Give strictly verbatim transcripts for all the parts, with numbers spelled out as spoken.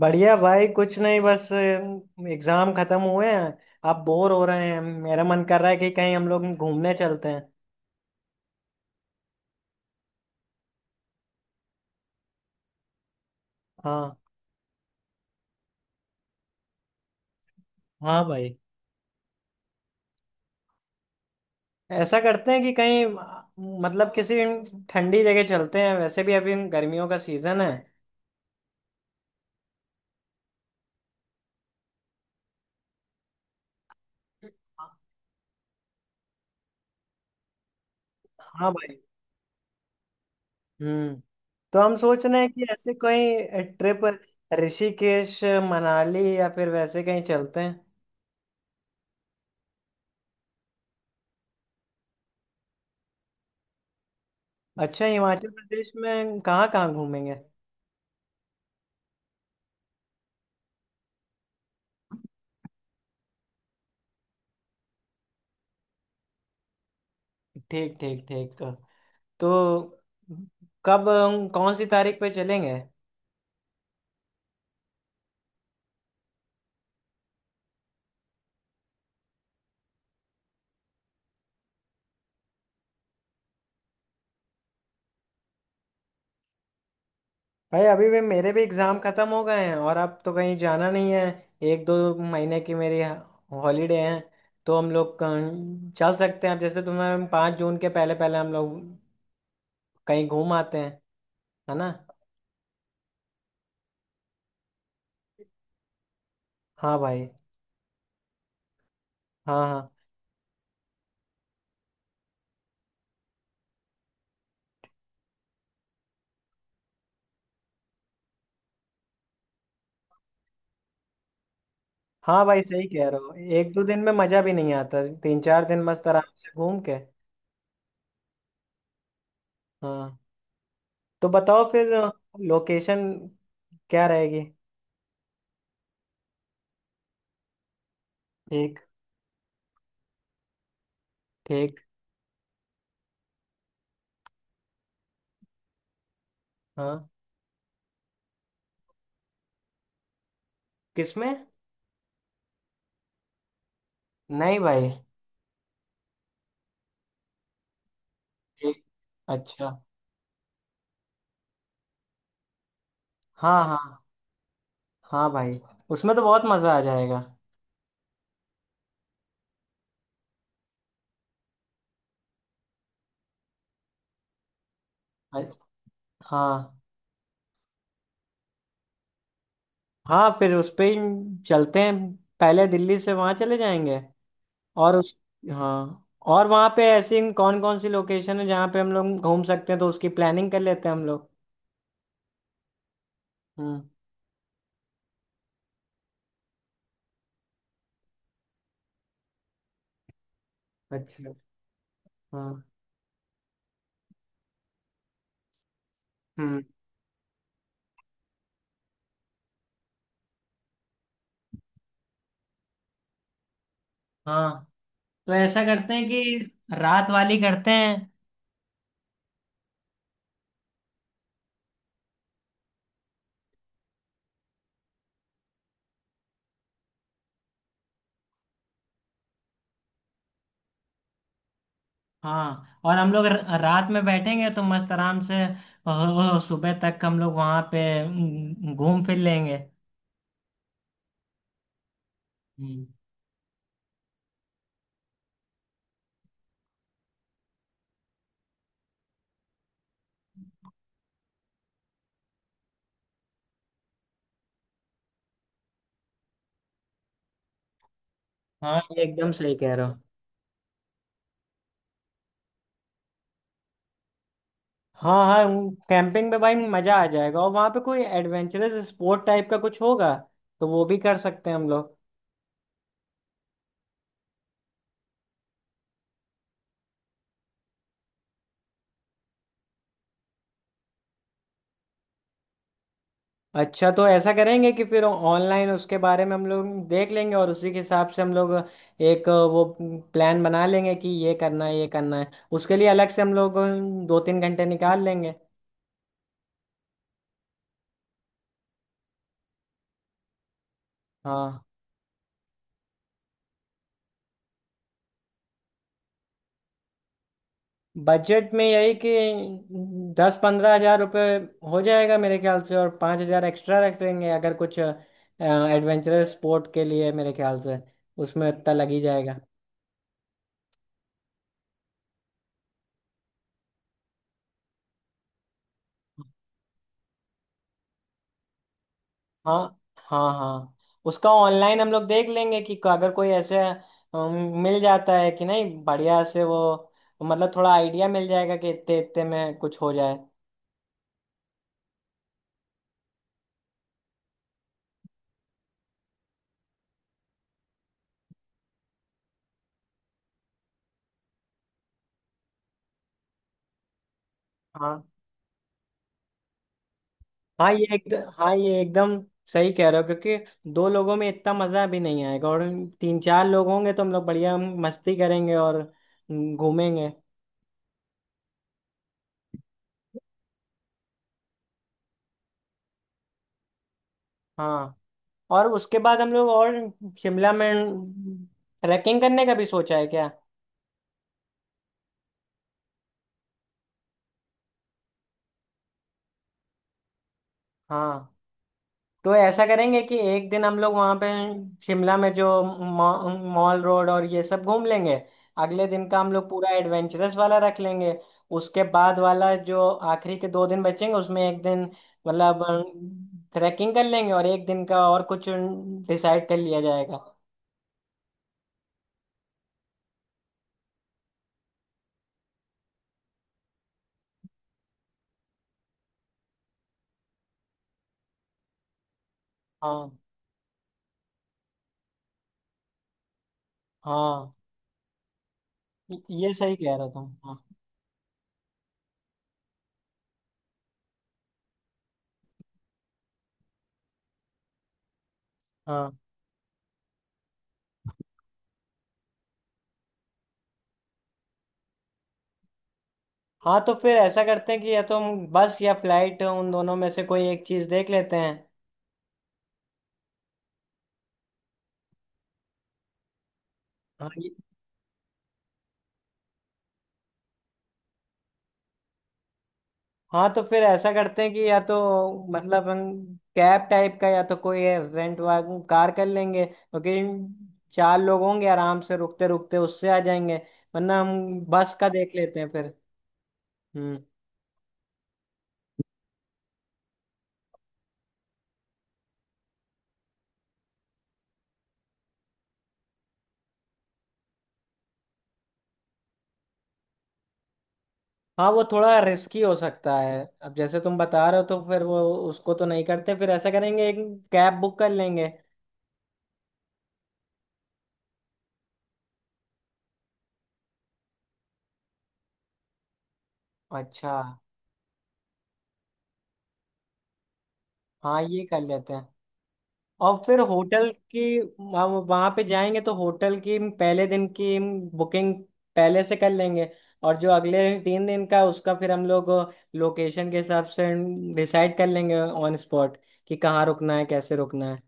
बढ़िया भाई, कुछ नहीं, बस एग्जाम खत्म हुए हैं। आप बोर हो रहे हैं? मेरा मन कर रहा है कि कहीं हम लोग घूमने चलते हैं। हाँ। हाँ भाई, ऐसा करते हैं कि कहीं अ, मतलब किसी ठंडी जगह चलते हैं। वैसे भी अभी गर्मियों का सीजन है। हाँ भाई। हम्म। तो हम सोच रहे हैं कि ऐसे कहीं ट्रिप, ऋषिकेश, मनाली या फिर वैसे कहीं चलते हैं। अच्छा, हिमाचल प्रदेश में कहाँ कहाँ घूमेंगे? ठीक ठीक ठीक। तो कब अम, कौन सी तारीख पे चलेंगे? भाई अभी भी मेरे भी एग्ज़ाम ख़त्म हो गए हैं और अब तो कहीं जाना नहीं है। एक दो महीने की मेरी हॉलीडे हैं। तो हम लोग कहीं चल सकते हैं, अब जैसे तुम्हें पाँच जून के पहले पहले हम लोग कहीं घूम आते हैं, है ना? हाँ भाई। हाँ हाँ। हाँ भाई सही कह रहे हो। एक दो दिन में मज़ा भी नहीं आता, तीन चार दिन मस्त आराम से घूम के। हाँ। तो बताओ फिर, लोकेशन क्या रहेगी? ठीक। ठीक। हाँ। किसमें? नहीं भाई। ठीक। अच्छा। हाँ। हाँ। हाँ भाई, उसमें तो बहुत मज़ा आ जाएगा। अ- हाँ। हाँ, फिर उस पे ही चलते हैं। पहले दिल्ली से वहाँ चले जाएंगे। और उस। हाँ। और वहाँ पे ऐसी कौन कौन सी लोकेशन है जहाँ पे हम लोग घूम सकते हैं, तो उसकी प्लानिंग कर लेते हैं हम लोग। हम्म। अच्छा। हाँ। हम्म। हाँ, तो ऐसा करते हैं कि रात वाली करते हैं। हाँ, और हम लोग र- रात में बैठेंगे तो मस्त आराम से अ, सुबह तक हम लोग वहां पे अम, घूम फिर लेंगे। हम्म। हाँ, ये एकदम सही कह रहे हो। हाँ हाँ। कैंपिंग पे भाई मजा आ जाएगा, और वहां पे कोई एडवेंचरस स्पोर्ट टाइप का कुछ होगा तो वो भी कर सकते हैं हम लोग। अच्छा, तो ऐसा करेंगे कि फिर ऑनलाइन उसके बारे में हम लोग देख लेंगे और उसी के हिसाब से हम लोग एक वो प्लान बना लेंगे कि ये करना है, ये करना है। उसके लिए अलग से हम लोग दो तीन घंटे निकाल लेंगे। हाँ। बजट में यही कि दस पंद्रह हजार रुपये हो जाएगा मेरे ख्याल से, और पाँच हजार एक्स्ट्रा रख लेंगे अगर कुछ एडवेंचरस स्पोर्ट के लिए। मेरे ख्याल से उसमें इतना लग ही जाएगा। हाँ। हाँ हाँ। उसका ऑनलाइन हम लोग देख लेंगे कि अगर कोई ऐसे अम, मिल जाता है कि नहीं, बढ़िया से वो मतलब थोड़ा आइडिया मिल जाएगा कि इतने इतने में कुछ हो जाए। हाँ। हाँ ये एक। हाँ ये एकदम सही कह रहे हो क्योंकि दो लोगों में इतना मज़ा भी नहीं आएगा, और तीन चार लोग होंगे तो हम लोग बढ़िया मस्ती करेंगे और हम्म, घूमेंगे। हाँ। और उसके बाद हम लोग, और शिमला में ट्रैकिंग करने का भी सोचा है क्या? हाँ, तो ऐसा करेंगे कि एक दिन हम लोग वहाँ पे शिमला में जो मॉ- मॉल रोड और ये सब घूम लेंगे। अगले दिन का हम लोग पूरा एडवेंचरस वाला रख लेंगे। उसके बाद वाला जो आखिरी के दो दिन बचेंगे उसमें एक दिन मतलब ट्रैकिंग कर लेंगे, और एक दिन का और कुछ डिसाइड कर लिया जाएगा। हाँ। हाँ, ये सही कह रहा तुम, हाँ। हाँ। हाँ, तो फिर ऐसा करते हैं कि या तो हम बस या फ्लाइट, उन दोनों में से कोई एक चीज़ देख लेते हैं। हाँ। हाँ, तो फिर ऐसा करते हैं कि या तो मतलब हम कैब टाइप का, या तो कोई रेंट वाग कार कर लेंगे क्योंकि चार लोग होंगे, आराम से रुकते रुकते उससे आ जाएंगे। वरना हम बस का देख लेते हैं फिर। हम्म। हाँ वो थोड़ा रिस्की हो सकता है। अब जैसे तुम बता रहे हो तो फिर वो उसको तो नहीं करते। फिर ऐसा करेंगे, एक कैब बुक कर लेंगे। अच्छा। हाँ ये कर लेते हैं। और फिर होटल की, हम वहां पे जाएंगे तो होटल की पहले दिन की बुकिंग पहले से कर लेंगे, और जो अगले तीन दिन का उसका फिर हम लोग लोकेशन के हिसाब से डिसाइड कर लेंगे ऑन स्पॉट, कि कहाँ रुकना है कैसे रुकना है।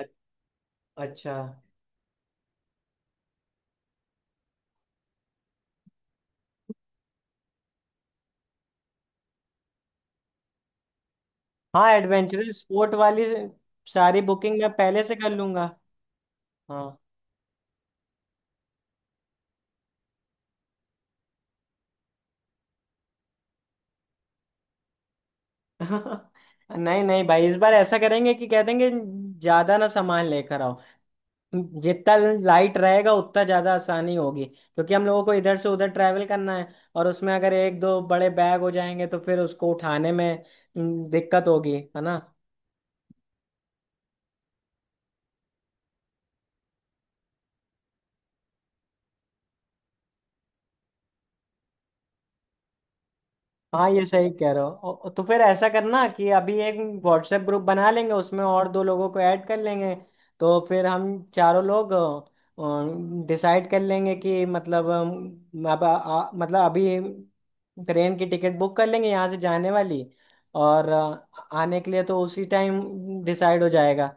अ- अच्छा। हाँ एडवेंचरस स्पोर्ट वाली सारी बुकिंग मैं पहले से कर लूंगा। हाँ। नहीं नहीं भाई, इस बार ऐसा करेंगे कि कह देंगे ज्यादा ना सामान लेकर। जितना लाइट रहेगा उतना ज़्यादा आसानी होगी, क्योंकि हम लोगों को इधर से उधर ट्रैवल करना है। और उसमें अगर एक दो बड़े बैग हो जाएंगे तो फिर उसको उठाने में हम्म, दिक्कत होगी, है ना? हाँ, ये सही कह रहे हो। औ- तो फिर ऐसा करना कि अभी एक व्हाट्सएप ग्रुप बना लेंगे उसमें, और दो लोगों को ऐड कर लेंगे, तो फिर हम चारों लोग डिसाइड कर लेंगे कि मतलब अम, अब आ, आ- मतलब अभी ट्रेन की टिकट बुक कर लेंगे यहाँ से जाने वाली, और अ, आने के लिए तो उसी टाइम डिसाइड हो जाएगा।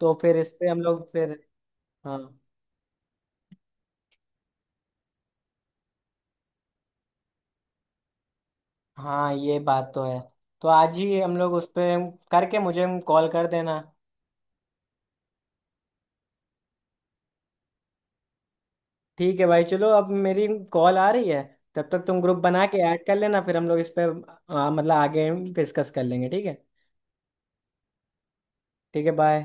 तो फिर इस पे हम लोग फिर। हाँ। हाँ ये बात तो है। तो आज ही हम लोग उस पे करके मुझे कॉल कर देना। ठीक है भाई, चलो अब मेरी कॉल आ रही है। तब तक तुम ग्रुप बना के ऐड कर लेना, फिर हम लोग इस पे आ, मतलब आगे डिस्कस कर लेंगे, ठीक है। ठीक है। बाय।